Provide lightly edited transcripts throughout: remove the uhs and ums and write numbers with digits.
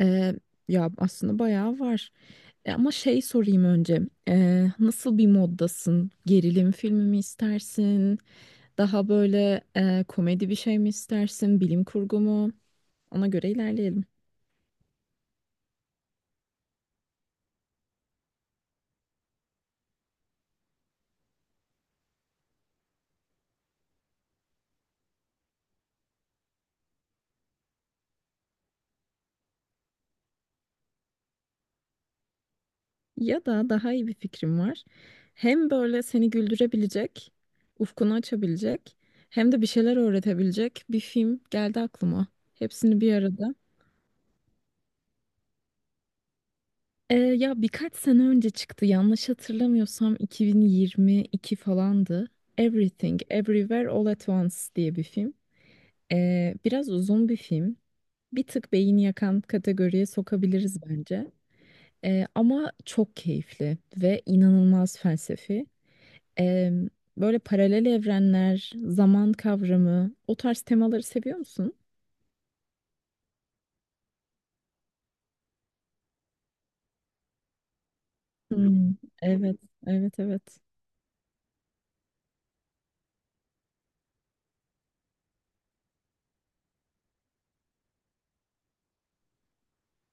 Ee, Ya aslında bayağı var. Ama şey sorayım önce. Nasıl bir moddasın? Gerilim filmi mi istersin? Daha böyle komedi bir şey mi istersin? Bilim kurgu mu? Ona göre ilerleyelim. Ya da daha iyi bir fikrim var. Hem böyle seni güldürebilecek, ufkunu açabilecek, hem de bir şeyler öğretebilecek bir film geldi aklıma. Hepsini bir arada. Ya birkaç sene önce çıktı. Yanlış hatırlamıyorsam 2022 falandı. Everything, Everywhere, All at Once diye bir film. Biraz uzun bir film. Bir tık beyni yakan kategoriye sokabiliriz bence. Ama çok keyifli ve inanılmaz felsefi. Eee, Böyle paralel evrenler, zaman kavramı, o tarz temaları seviyor musun? Hmm, evet, evet, evet.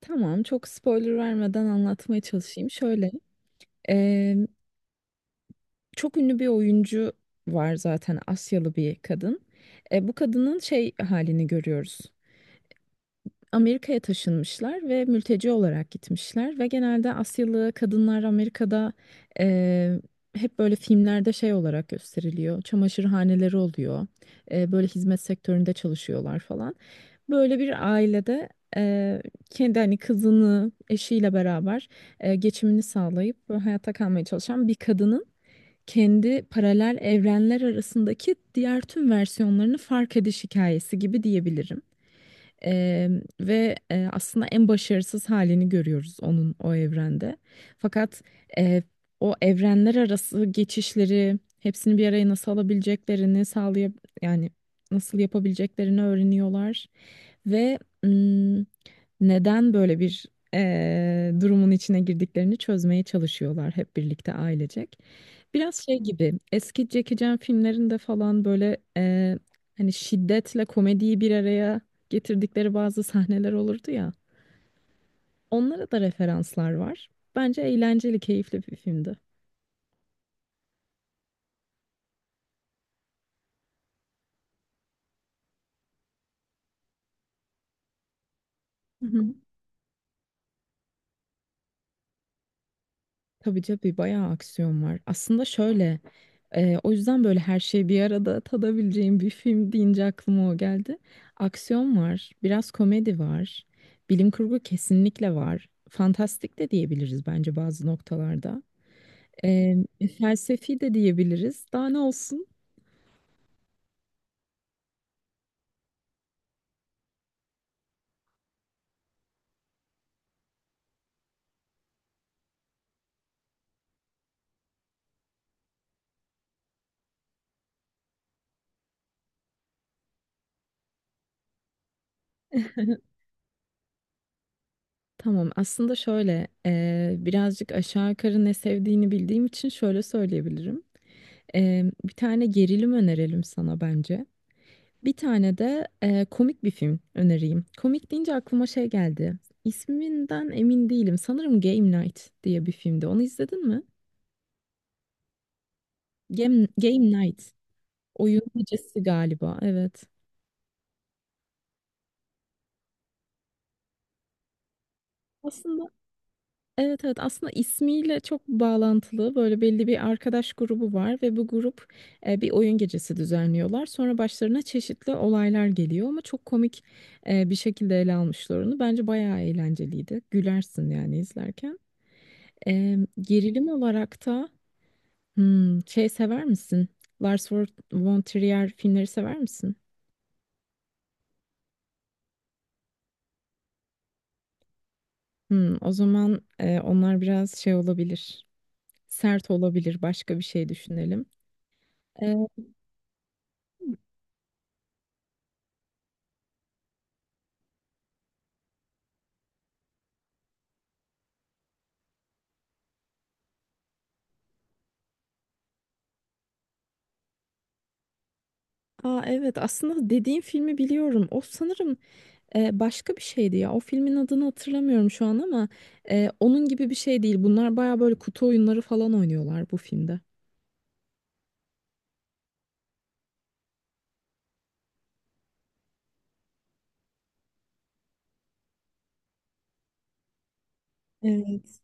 Tamam, çok spoiler vermeden anlatmaya çalışayım. Şöyle, çok ünlü bir oyuncu var zaten, Asyalı bir kadın. Bu kadının şey halini görüyoruz. Amerika'ya taşınmışlar ve mülteci olarak gitmişler ve genelde Asyalı kadınlar Amerika'da e, hep böyle filmlerde şey olarak gösteriliyor. Çamaşırhaneleri oluyor. Böyle hizmet sektöründe çalışıyorlar falan. Böyle bir ailede e, kendi hani kızını eşiyle beraber geçimini sağlayıp hayatta kalmaya çalışan bir kadının kendi paralel evrenler arasındaki diğer tüm versiyonlarını fark ediş hikayesi gibi diyebilirim. Eee, ve aslında en başarısız halini görüyoruz onun o evrende. Fakat eee, o evrenler arası geçişleri hepsini bir araya nasıl alabileceklerini sağlayıp yani nasıl yapabileceklerini öğreniyorlar. Ve ım, neden böyle bir durumun içine girdiklerini çözmeye çalışıyorlar hep birlikte ailecek. Biraz şey gibi eski Jackie Chan filmlerinde falan böyle hani şiddetle komediyi bir araya getirdikleri bazı sahneler olurdu ya. Onlara da referanslar var. Bence eğlenceli, keyifli bir filmdi. Hı hı. Tabii tabii bayağı aksiyon var. Aslında şöyle, o yüzden böyle her şeyi bir arada tadabileceğim bir film deyince aklıma o geldi. Aksiyon var, biraz komedi var, bilim kurgu kesinlikle var. Fantastik de diyebiliriz bence bazı noktalarda. E, Felsefi de diyebiliriz. Daha ne olsun? Tamam, aslında şöyle birazcık aşağı yukarı ne sevdiğini bildiğim için şöyle söyleyebilirim. Bir tane gerilim önerelim sana bence. Bir tane de komik bir film önereyim. Komik deyince aklıma şey geldi. İsminden emin değilim. Sanırım Game Night diye bir filmdi. Onu izledin mi? Game Night. Oyun gecesi galiba. Evet. Aslında evet, evet, aslında ismiyle çok bağlantılı, böyle belli bir arkadaş grubu var ve bu grup bir oyun gecesi düzenliyorlar. Sonra başlarına çeşitli olaylar geliyor ama çok komik bir şekilde ele almışlar onu. Bence bayağı eğlenceliydi. Gülersin yani izlerken. Gerilim olarak da şey sever misin? Lars von Trier filmleri sever misin? Hmm, o zaman onlar biraz şey olabilir. Sert olabilir. Başka bir şey düşünelim. Ee, Aa, evet, aslında dediğim filmi biliyorum. O sanırım başka bir şeydi ya. O filmin adını hatırlamıyorum şu an ama onun gibi bir şey değil. Bunlar baya böyle kutu oyunları falan oynuyorlar bu filmde. Evet.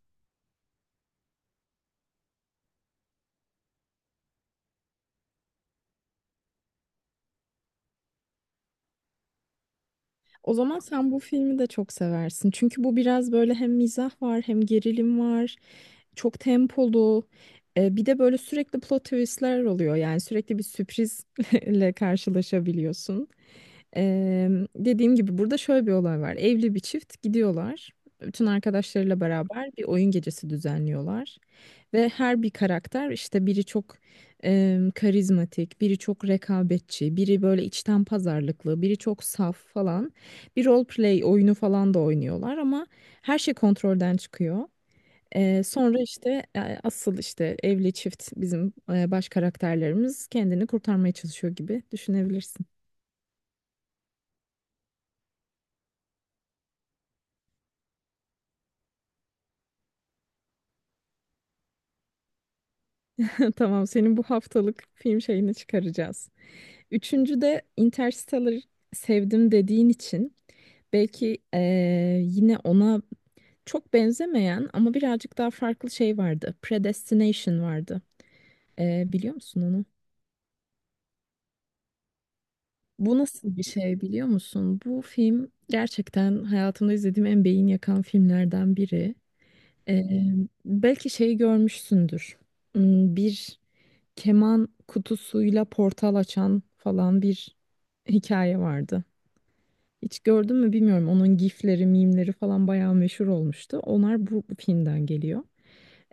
O zaman sen bu filmi de çok seversin. Çünkü bu biraz böyle hem mizah var hem gerilim var. Çok tempolu. Bir de böyle sürekli plot twistler oluyor. Yani sürekli bir sürprizle karşılaşabiliyorsun. Eee, dediğim gibi burada şöyle bir olay var. Evli bir çift gidiyorlar. Bütün arkadaşlarıyla beraber bir oyun gecesi düzenliyorlar. Ve her bir karakter işte, biri çok karizmatik, biri çok rekabetçi, biri böyle içten pazarlıklı, biri çok saf falan. Bir role play oyunu falan da oynuyorlar ama her şey kontrolden çıkıyor. Sonra işte asıl işte evli çift, bizim baş karakterlerimiz kendini kurtarmaya çalışıyor gibi düşünebilirsin. Tamam, senin bu haftalık film şeyini çıkaracağız. Üçüncü de Interstellar sevdim dediğin için belki yine ona çok benzemeyen ama birazcık daha farklı şey vardı. Predestination vardı. Biliyor musun onu? Bu nasıl bir şey biliyor musun? Bu film gerçekten hayatımda izlediğim en beyin yakan filmlerden biri. Eee, belki şeyi görmüşsündür. Hmm, bir keman kutusuyla portal açan falan bir hikaye vardı. Hiç gördün mü bilmiyorum. Onun gifleri, mimleri falan bayağı meşhur olmuştu. Onlar bu filmden geliyor.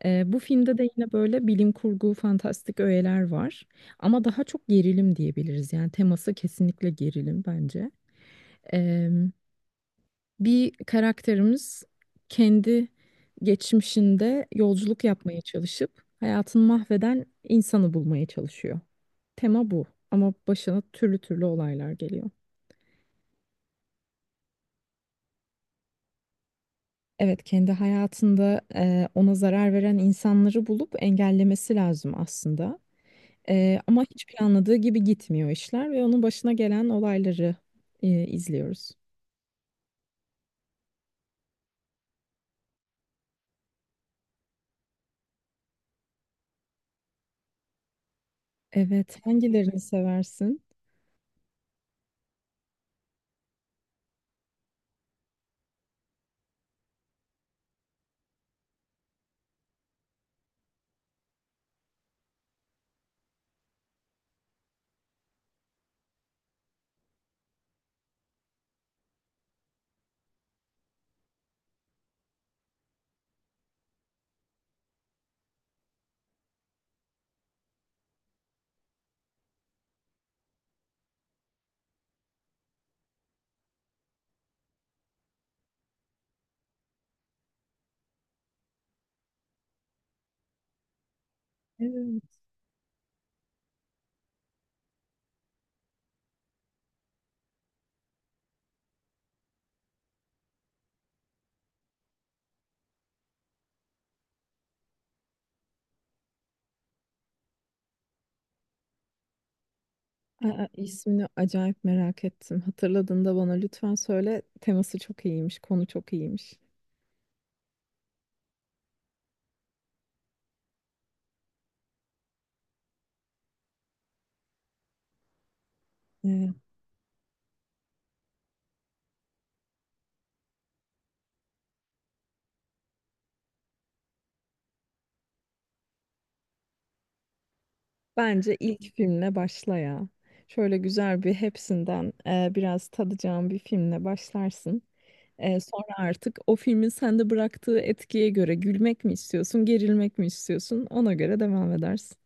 Bu filmde de yine böyle bilim kurgu, fantastik öğeler var. Ama daha çok gerilim diyebiliriz. Yani teması kesinlikle gerilim bence. Ee, bir karakterimiz kendi geçmişinde yolculuk yapmaya çalışıp hayatını mahveden insanı bulmaya çalışıyor. Tema bu, ama başına türlü türlü olaylar geliyor. Evet, kendi hayatında ona zarar veren insanları bulup engellemesi lazım aslında. Ama hiç planladığı gibi gitmiyor işler ve onun başına gelen olayları izliyoruz. Evet, hangilerini seversin? Evet. Aa, ismini acayip merak ettim. Hatırladığında bana lütfen söyle. Teması çok iyiymiş, konu çok iyiymiş. Evet. Bence ilk filmle başla ya. Şöyle güzel bir, hepsinden biraz tadacağım bir filmle başlarsın. Sonra artık o filmin sende bıraktığı etkiye göre gülmek mi istiyorsun, gerilmek mi istiyorsun, ona göre devam edersin.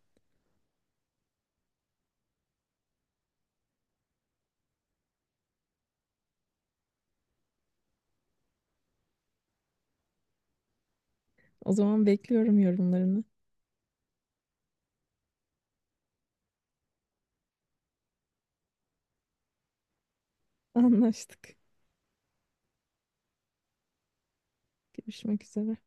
O zaman bekliyorum yorumlarını. Anlaştık. Görüşmek üzere.